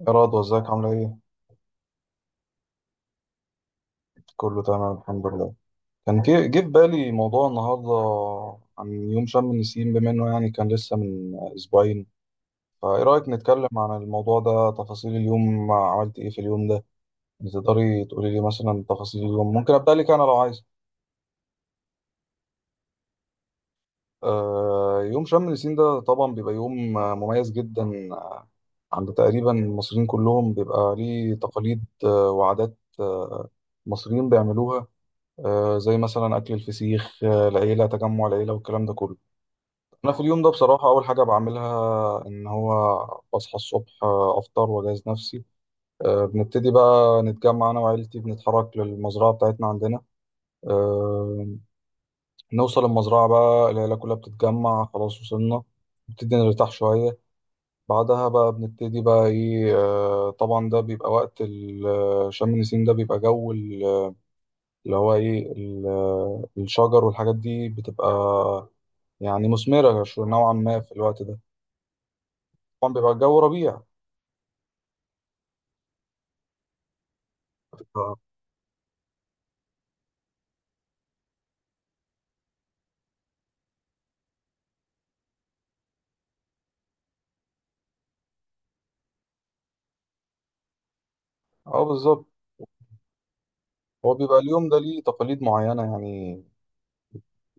يا رضوى ازيك عاملة ايه؟ كله تمام الحمد لله. كان جه في بالي موضوع النهاردة عن يوم شم النسيم بما انه يعني كان لسه من اسبوعين، فايه رأيك نتكلم عن الموضوع ده تفاصيل اليوم عملت ايه في اليوم ده؟ تقدري تقولي لي مثلا تفاصيل اليوم، ممكن ابدأ لك انا لو عايز. يوم شم النسيم ده طبعا بيبقى يوم مميز جدا. آه، عند تقريبا المصريين كلهم بيبقى ليه تقاليد وعادات المصريين بيعملوها. زي مثلا أكل الفسيخ. العيلة تجمع العيلة والكلام ده كله. أنا في اليوم ده بصراحة أول حاجة بعملها إن هو بصحى الصبح، أفطر وأجهز نفسي. بنبتدي بقى نتجمع أنا وعيلتي، بنتحرك للمزرعة بتاعتنا عندنا. آه، نوصل المزرعة بقى العيلة كلها بتتجمع، خلاص وصلنا نبتدي نرتاح شوية. بعدها بقى بنبتدي بقى إيه، طبعا ده بيبقى وقت شم النسيم ده بيبقى جو اللي هو إيه الشجر والحاجات دي بتبقى يعني مثمرة نوعا ما في الوقت ده. طبعا بيبقى الجو ربيع. اه، اه بالظبط. هو بيبقى اليوم ده ليه تقاليد معينة يعني،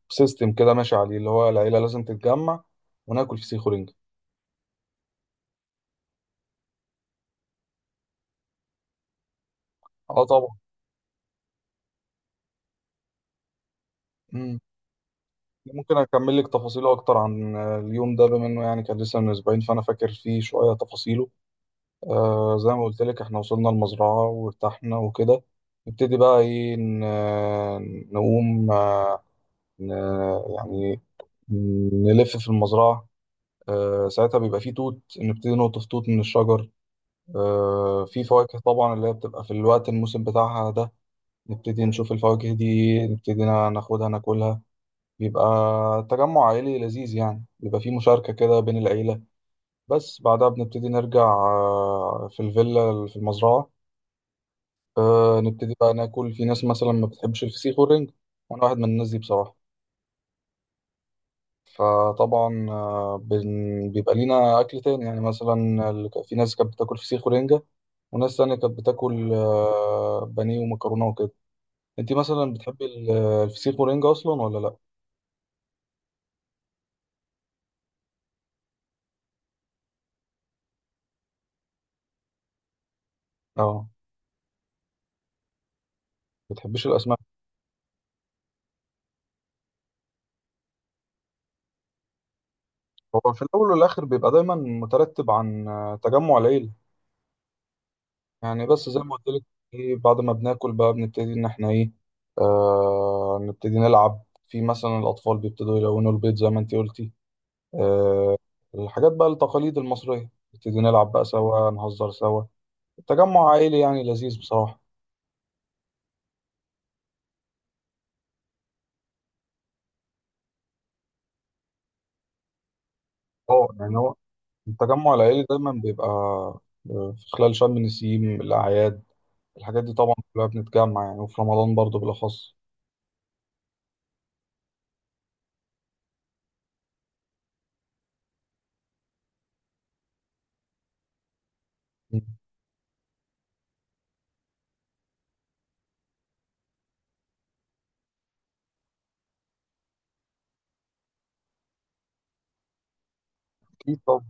سيستم كده ماشي عليه اللي هو العيلة لازم تتجمع وناكل فسيخ ورنجة. اه طبعا. مم. ممكن أكمل لك تفاصيله أكتر عن اليوم ده بما إنه يعني كان لسه من أسبوعين، فأنا فاكر فيه شوية تفاصيله. زي ما قلت لك إحنا وصلنا المزرعة وارتحنا وكده. نبتدي بقى إيه نقوم، ن- يعني نلف في المزرعة. ساعتها بيبقى فيه توت، نبتدي نقطف توت من الشجر. في فواكه طبعا اللي هي بتبقى في الوقت الموسم بتاعها ده. نبتدي نشوف الفواكه دي، نبتدي ناخدها ناكلها. بيبقى تجمع عائلي لذيذ يعني، بيبقى فيه مشاركة كده بين العيلة. بس بعدها بنبتدي نرجع في الفيلا اللي في المزرعة. نبتدي بقى ناكل، في ناس مثلا ما بتحبش الفسيخ والرنج، وأنا واحد من الناس دي بصراحة. فطبعا بيبقى لينا أكل تاني، يعني مثلا في ناس كانت بتاكل فسيخ ورنجة، وناس تانية كانت بتاكل بانيه ومكرونة وكده. انت مثلا بتحبي الفسيخ والرنجة أصلا ولا لأ؟ اه. بتحبيش الأسماك؟ هو في الأول والآخر بيبقى دايما مترتب عن تجمع العيلة، يعني بس زي ما قلت لك. ايه، بعد ما بناكل بقى بنبتدي إن احنا ايه، نبتدي نلعب، في مثلا الأطفال بيبتدوا يلونوا البيت زي ما انت قلتي. آه، الحاجات بقى التقاليد المصرية، نبتدي نلعب بقى سوا، نهزر سوا. التجمع عائلي يعني لذيذ بصراحة. اه يعني هو التجمع العائلي دايما بيبقى في خلال شم النسيم، الأعياد، الحاجات دي طبعا كلها بنتجمع يعني، وفي رمضان برضو بالأخص. أكيد طبعا.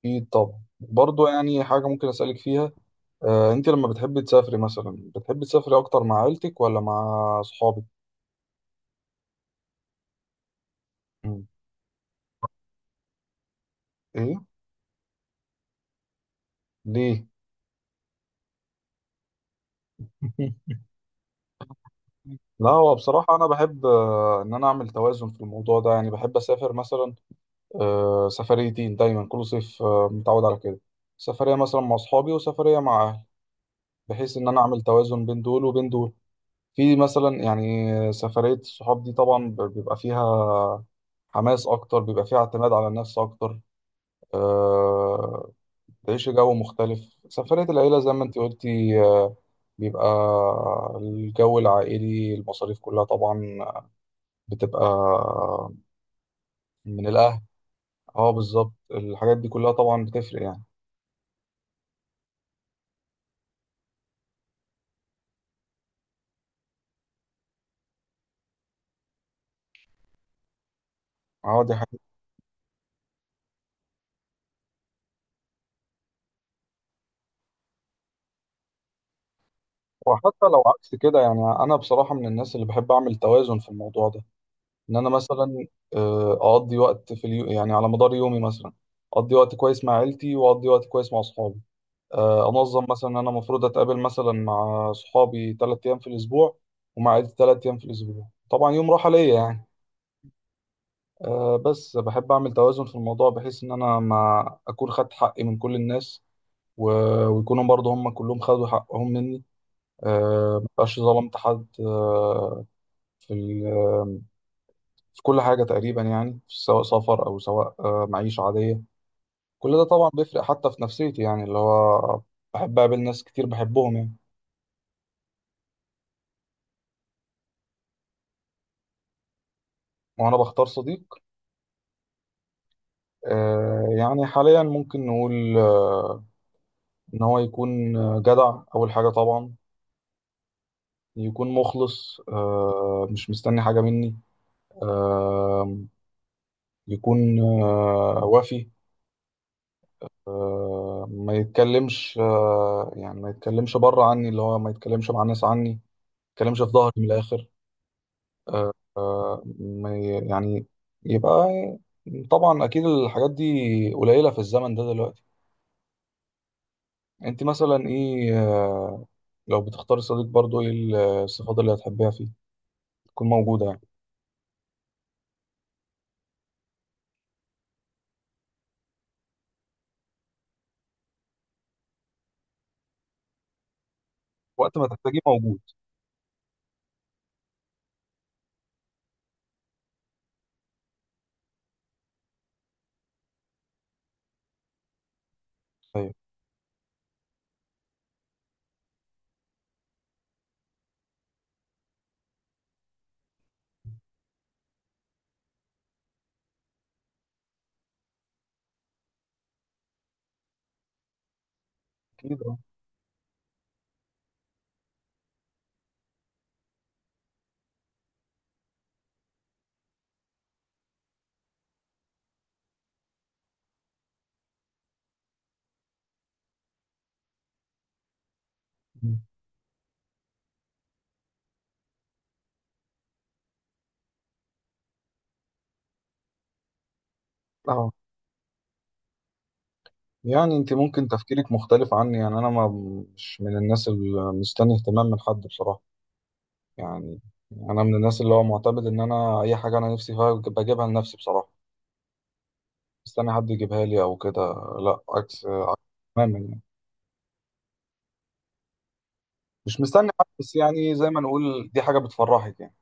أكيد طبعا برضو. يعني حاجة ممكن أسألك فيها. أنت لما بتحبي تسافري مثلا بتحبي تسافري أكتر مع عيلتك ولا مع أصحابك؟ مم. إيه؟ ليه؟ لا هو بصراحة أنا بحب إن أنا أعمل توازن في الموضوع ده، يعني بحب أسافر مثلا سفريتين دايما كل صيف، متعود على كده. سفرية مثلا مع أصحابي وسفرية مع أهلي، بحيث إن أنا أعمل توازن بين دول وبين دول. في مثلا يعني سفرية الصحاب دي طبعا بيبقى فيها حماس أكتر، بيبقى فيها اعتماد على النفس أكتر. آه، تعيش جو مختلف. سفرية العيلة زي ما أنت قلتي بيبقى الجو العائلي، المصاريف كلها طبعا بتبقى من الاهل. اه بالظبط، الحاجات دي كلها طبعا بتفرق يعني. اه، دي حاجة. وحتى لو عكس كده يعني انا بصراحة من الناس اللي بحب اعمل توازن في الموضوع ده، ان انا مثلا اقضي وقت في اليو... يعني على مدار يومي مثلا، اقضي وقت كويس مع عيلتي واقضي وقت كويس مع اصحابي. انظم مثلا إن انا المفروض اتقابل مثلا مع صحابي 3 ايام في الاسبوع، ومع عيلتي 3 ايام في الاسبوع، طبعا يوم راحة ليا يعني. بس بحب اعمل توازن في الموضوع، بحيث ان انا ما اكون خدت حقي من كل الناس، ويكونوا برضه هم كلهم خدوا حقهم مني. ما بقاش ظلمت حد، آه، في ال- آه، في كل حاجة تقريبا يعني، سواء سفر أو سواء معيشة عادية. كل ده طبعا بيفرق حتى في نفسيتي، يعني اللي هو بحب أقابل ناس كتير بحبهم يعني. وأنا بختار صديق يعني حاليا ممكن نقول إن هو يكون جدع أول حاجة طبعا، يكون مخلص، مش مستني حاجة مني. آه، يكون وافي. ما يتكلمش، يعني ما يتكلمش بره عني، اللي هو ما يتكلمش مع الناس عني، ما يتكلمش في ظهري من الآخر. آه، آه، ما ي- يعني يبقى. طبعا أكيد الحاجات دي قليلة في الزمن ده دلوقتي. أنت مثلا إيه لو بتختاري صديق برضو إيه الصفات اللي هتحبيها فيه تكون موجودة يعني، وقت ما تحتاجيه موجود. أيوة. أكيد. أه. مم. أه يعني أنت ممكن تفكيرك مختلف عني، يعني أنا ما، مش من الناس اللي مستني اهتمام من حد بصراحة يعني. انا من الناس اللي هو معتمد ان انا اي حاجه انا نفسي فيها بجيبها لنفسي بصراحه، مستني حد يجيبها لي او كده. لا، عكس تماما يعني، مش مستني حد بس يعني زي ما نقول دي حاجه بتفرحك يعني.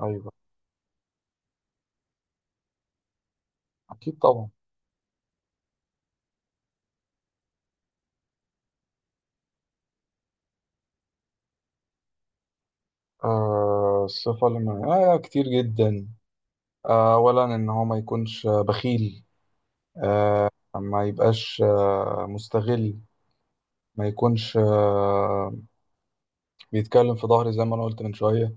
ايوه اكيد طبعا. الصفه اللي من... كتير جدا. اولا ان هو ما يكونش بخيل، ما يبقاش مستغل، ما يكونش بيتكلم في ظهري زي ما انا قلت من شويه.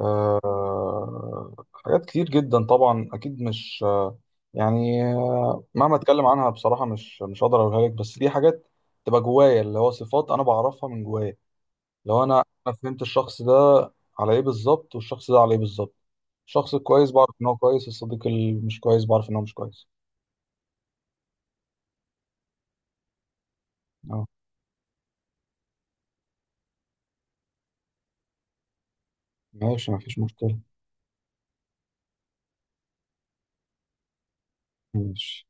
حاجات كتير جدا طبعا اكيد، مش يعني مهما اتكلم عنها بصراحه، مش هقدر اقولها لك، بس دي حاجات تبقى جوايا، اللي هو صفات انا بعرفها من جوايا. لو انا فهمت الشخص ده على ايه بالظبط والشخص ده على ايه بالظبط، الشخص الكويس بعرف ان هو كويس، الصديق اللي مش كويس بعرف ان هو مش كويس. اه، ماشي مفيش مشكله. ماشي